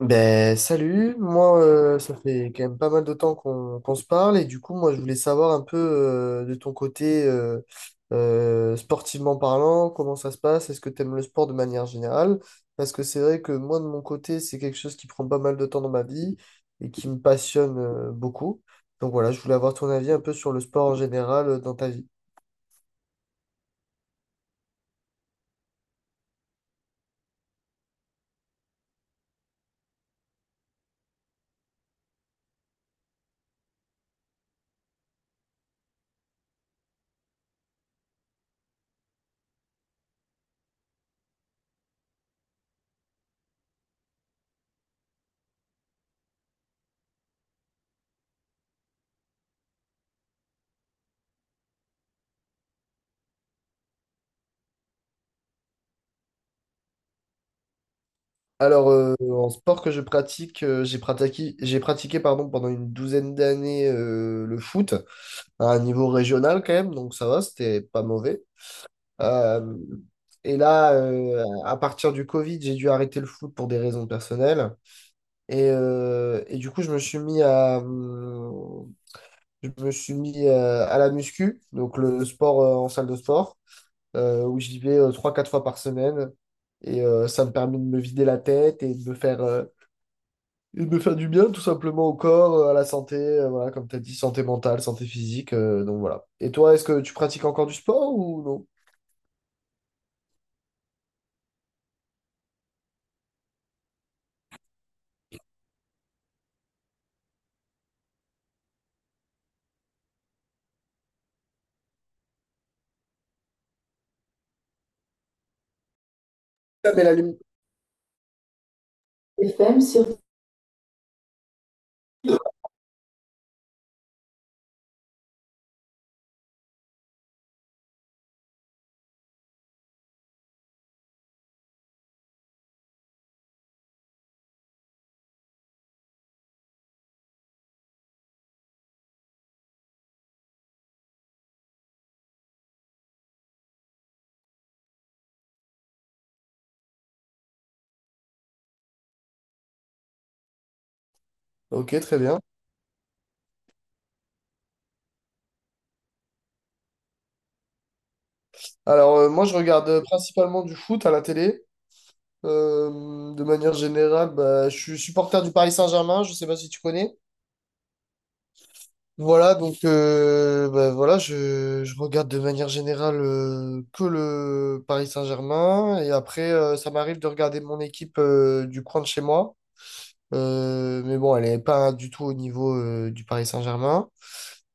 Ben salut, moi ça fait quand même pas mal de temps qu'on se parle et du coup moi je voulais savoir un peu de ton côté sportivement parlant, comment ça se passe, est-ce que tu aimes le sport de manière générale? Parce que c'est vrai que moi de mon côté c'est quelque chose qui prend pas mal de temps dans ma vie et qui me passionne beaucoup. Donc voilà, je voulais avoir ton avis un peu sur le sport en général dans ta vie. En sport que je pratique, j'ai pratiqué pardon, pendant une douzaine d'années le foot. À un niveau régional quand même, donc ça va, c'était pas mauvais. Euh, et là, à partir du Covid, j'ai dû arrêter le foot pour des raisons personnelles. Et du coup, je me suis mis à la muscu, donc le sport en salle de sport, où j'y vais trois quatre fois par semaine. Et ça me permet de me vider la tête et et de me faire du bien tout simplement au corps, à la santé, voilà, comme tu as dit, santé mentale, santé physique, donc voilà. Et toi, est-ce que tu pratiques encore du sport ou non? Ah, mais la lumière FM sur... Ok, très bien. Moi, je regarde principalement du foot à la télé. De manière générale, bah, je suis supporter du Paris Saint-Germain, je sais pas si tu connais. Voilà, donc bah, voilà, je regarde de manière générale que le Paris Saint-Germain. Et après, ça m'arrive de regarder mon équipe du coin de chez moi. Mais bon, elle n'est pas du tout au niveau du Paris Saint-Germain.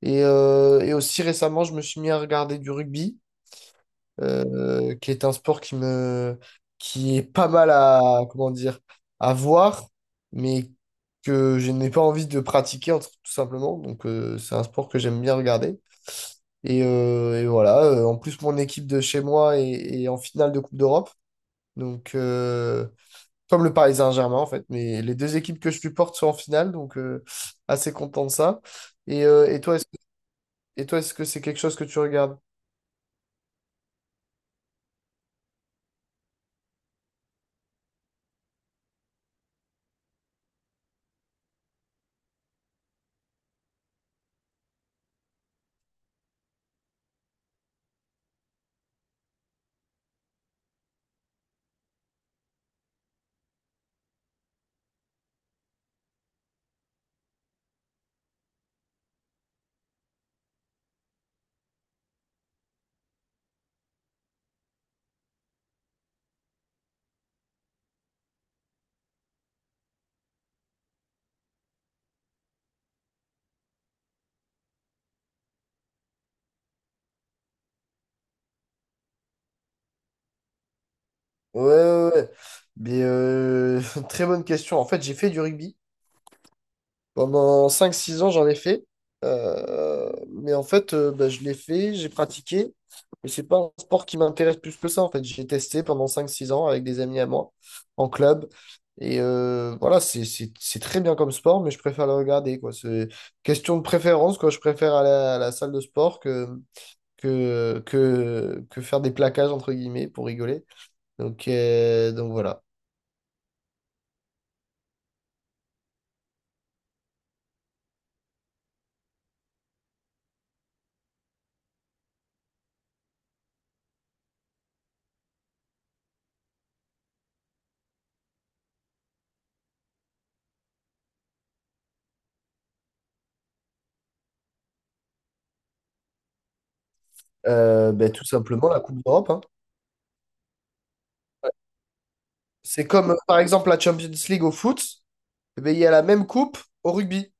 Et aussi récemment, je me suis mis à regarder du rugby, qui est un sport qui est pas mal à, comment dire, à voir, mais que je n'ai pas envie de pratiquer, tout simplement. Donc, c'est un sport que j'aime bien regarder. Et voilà, en plus, mon équipe de chez moi est, est en finale de Coupe d'Europe. Donc, euh, Comme le Paris Saint-Germain en fait. Mais les deux équipes que je supporte sont en finale, donc assez content de ça. Et, euh, et toi, est-ce, et toi, est-ce que c'est quelque chose que tu regardes? Ouais, ouais, ouais. Mais euh, très bonne question. En fait, j'ai fait du rugby. Pendant cinq six ans, j'en ai fait. Euh, mais en fait, bah, j'ai pratiqué. Mais c'est pas un sport qui m'intéresse plus que ça. En fait, j'ai testé pendant cinq six ans avec des amis à moi, en club. Et voilà, c'est très bien comme sport, mais je préfère le regarder, quoi. C'est question de préférence, quoi. Je préfère aller à la salle de sport que faire des plaquages, entre guillemets, pour rigoler. Donc, voilà. Bah, tout simplement, la Coupe d'Europe, hein. C'est comme, par exemple, la Champions League au foot. Eh ben il y a la même coupe au rugby.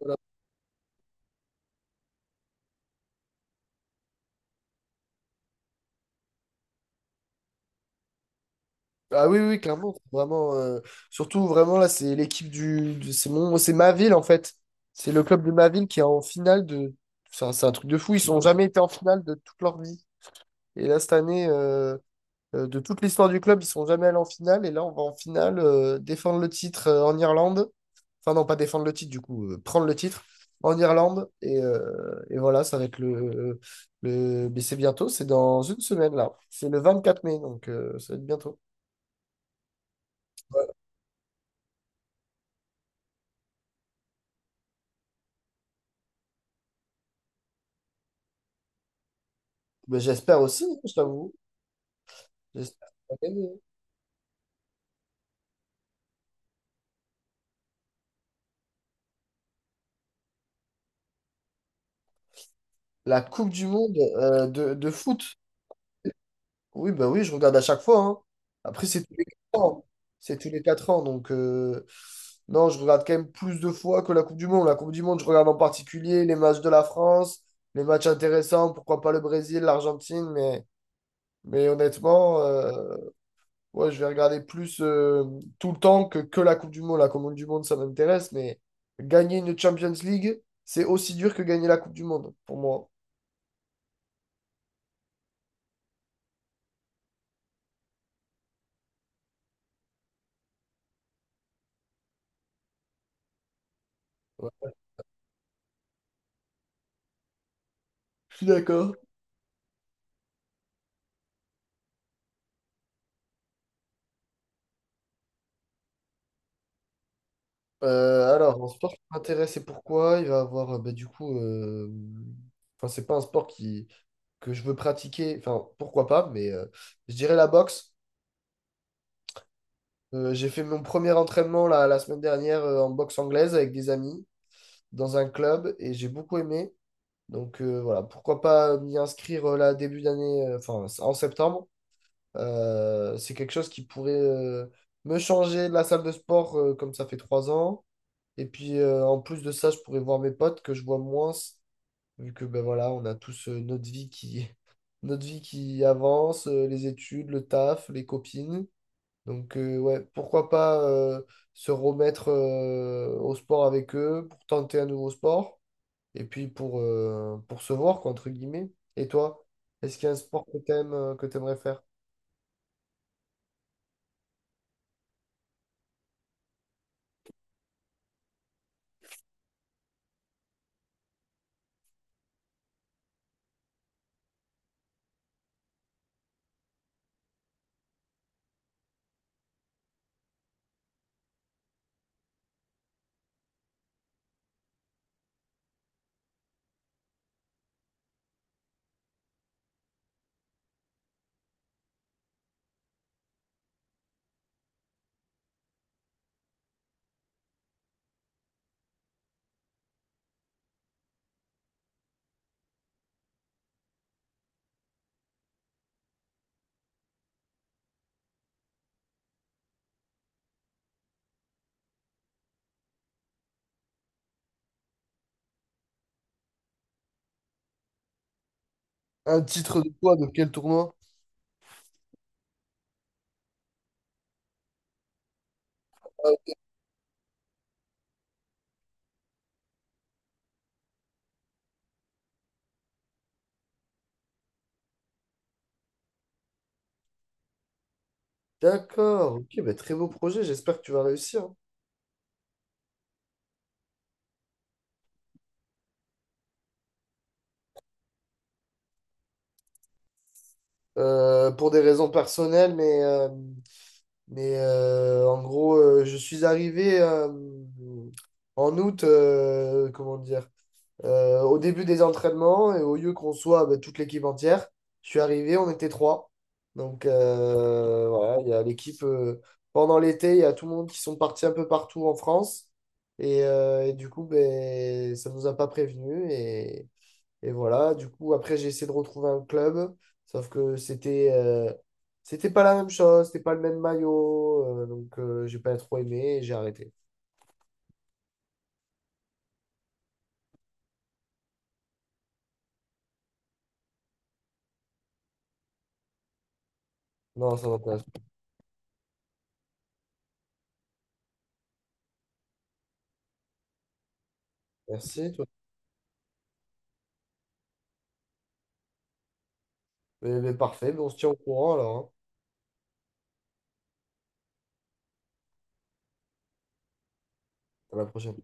Voilà. Ah oui, oui, clairement. C'est Vraiment, vraiment, là, c'est l'équipe du. Du- c'est c'est ma ville, en fait. C'est le club de ma ville qui est en finale de. C'est c'est un truc de fou. Ils n'ont jamais été en finale de toute leur vie. Et là, cette année, euh, de toute l'histoire du club, ils sont jamais allés en finale. Et là, on va en finale défendre le titre en Irlande. Enfin, non, pas défendre le titre, du coup, prendre le titre en Irlande. Et voilà, ça va être le... Mais c'est bientôt, c'est dans une semaine, là. C'est le 24 mai, donc ça va être bientôt. Ouais. Mais j'espère aussi, je t'avoue. J'espère qu'on va gagner. La Coupe du Monde de foot. Oui, ben oui, je regarde à chaque fois, hein. Après, c'est tous les 4 ans. C'est tous les 4 ans. Donc, non, je regarde quand même plus de fois que la Coupe du Monde. La Coupe du Monde, je regarde en particulier les matchs de la France, les matchs intéressants, pourquoi pas le Brésil, l'Argentine. Mais honnêtement, ouais, je vais regarder plus tout le temps que, la Coupe du Monde. La Coupe du Monde, ça m'intéresse. Mais gagner une Champions League, c'est aussi dur que gagner la Coupe du Monde, pour moi. Ouais. Je suis d'accord. En sport qui m'intéresse et pourquoi, il va avoir, bah, du coup, enfin, c'est pas un sport que je veux pratiquer, enfin, pourquoi pas, mais je dirais la boxe. J'ai fait mon premier entraînement la semaine dernière en boxe anglaise avec des amis dans un club et j'ai beaucoup aimé. Donc voilà, pourquoi pas m'y inscrire là début d'année, enfin en septembre. C'est quelque chose qui pourrait me changer de la salle de sport comme ça fait trois ans. Et puis, en plus de ça, je pourrais voir mes potes que je vois moins, vu que ben voilà, on a tous notre vie notre vie qui avance, les études, le taf, les copines. Donc, ouais, pourquoi pas se remettre au sport avec eux pour tenter un nouveau sport et puis pour se voir, quoi, entre guillemets. Et toi, est-ce qu'il y a un sport que t'aimes, que t'aimerais faire? Un titre de quoi, de quel tournoi? D'accord, ok, ben très beau projet, j'espère que tu vas réussir. Pour des raisons personnelles, en gros, je suis arrivé en août, comment dire, au début des entraînements et au lieu qu'on soit bah, toute l'équipe entière, je suis arrivé, on était trois. Donc voilà, il y a l'équipe pendant l'été, il y a tout le monde qui sont partis un peu partout en France. Et du coup, ben, ça nous a pas prévenus. Et voilà, du coup, après, j'ai essayé de retrouver un club, sauf que c'était c'était pas la même chose, c'était pas le même maillot, donc j'ai pas trop aimé et j'ai arrêté. Non, ça m'intéresse pas. Merci toi. Mais parfait, mais on se tient au courant alors, hein. À la prochaine.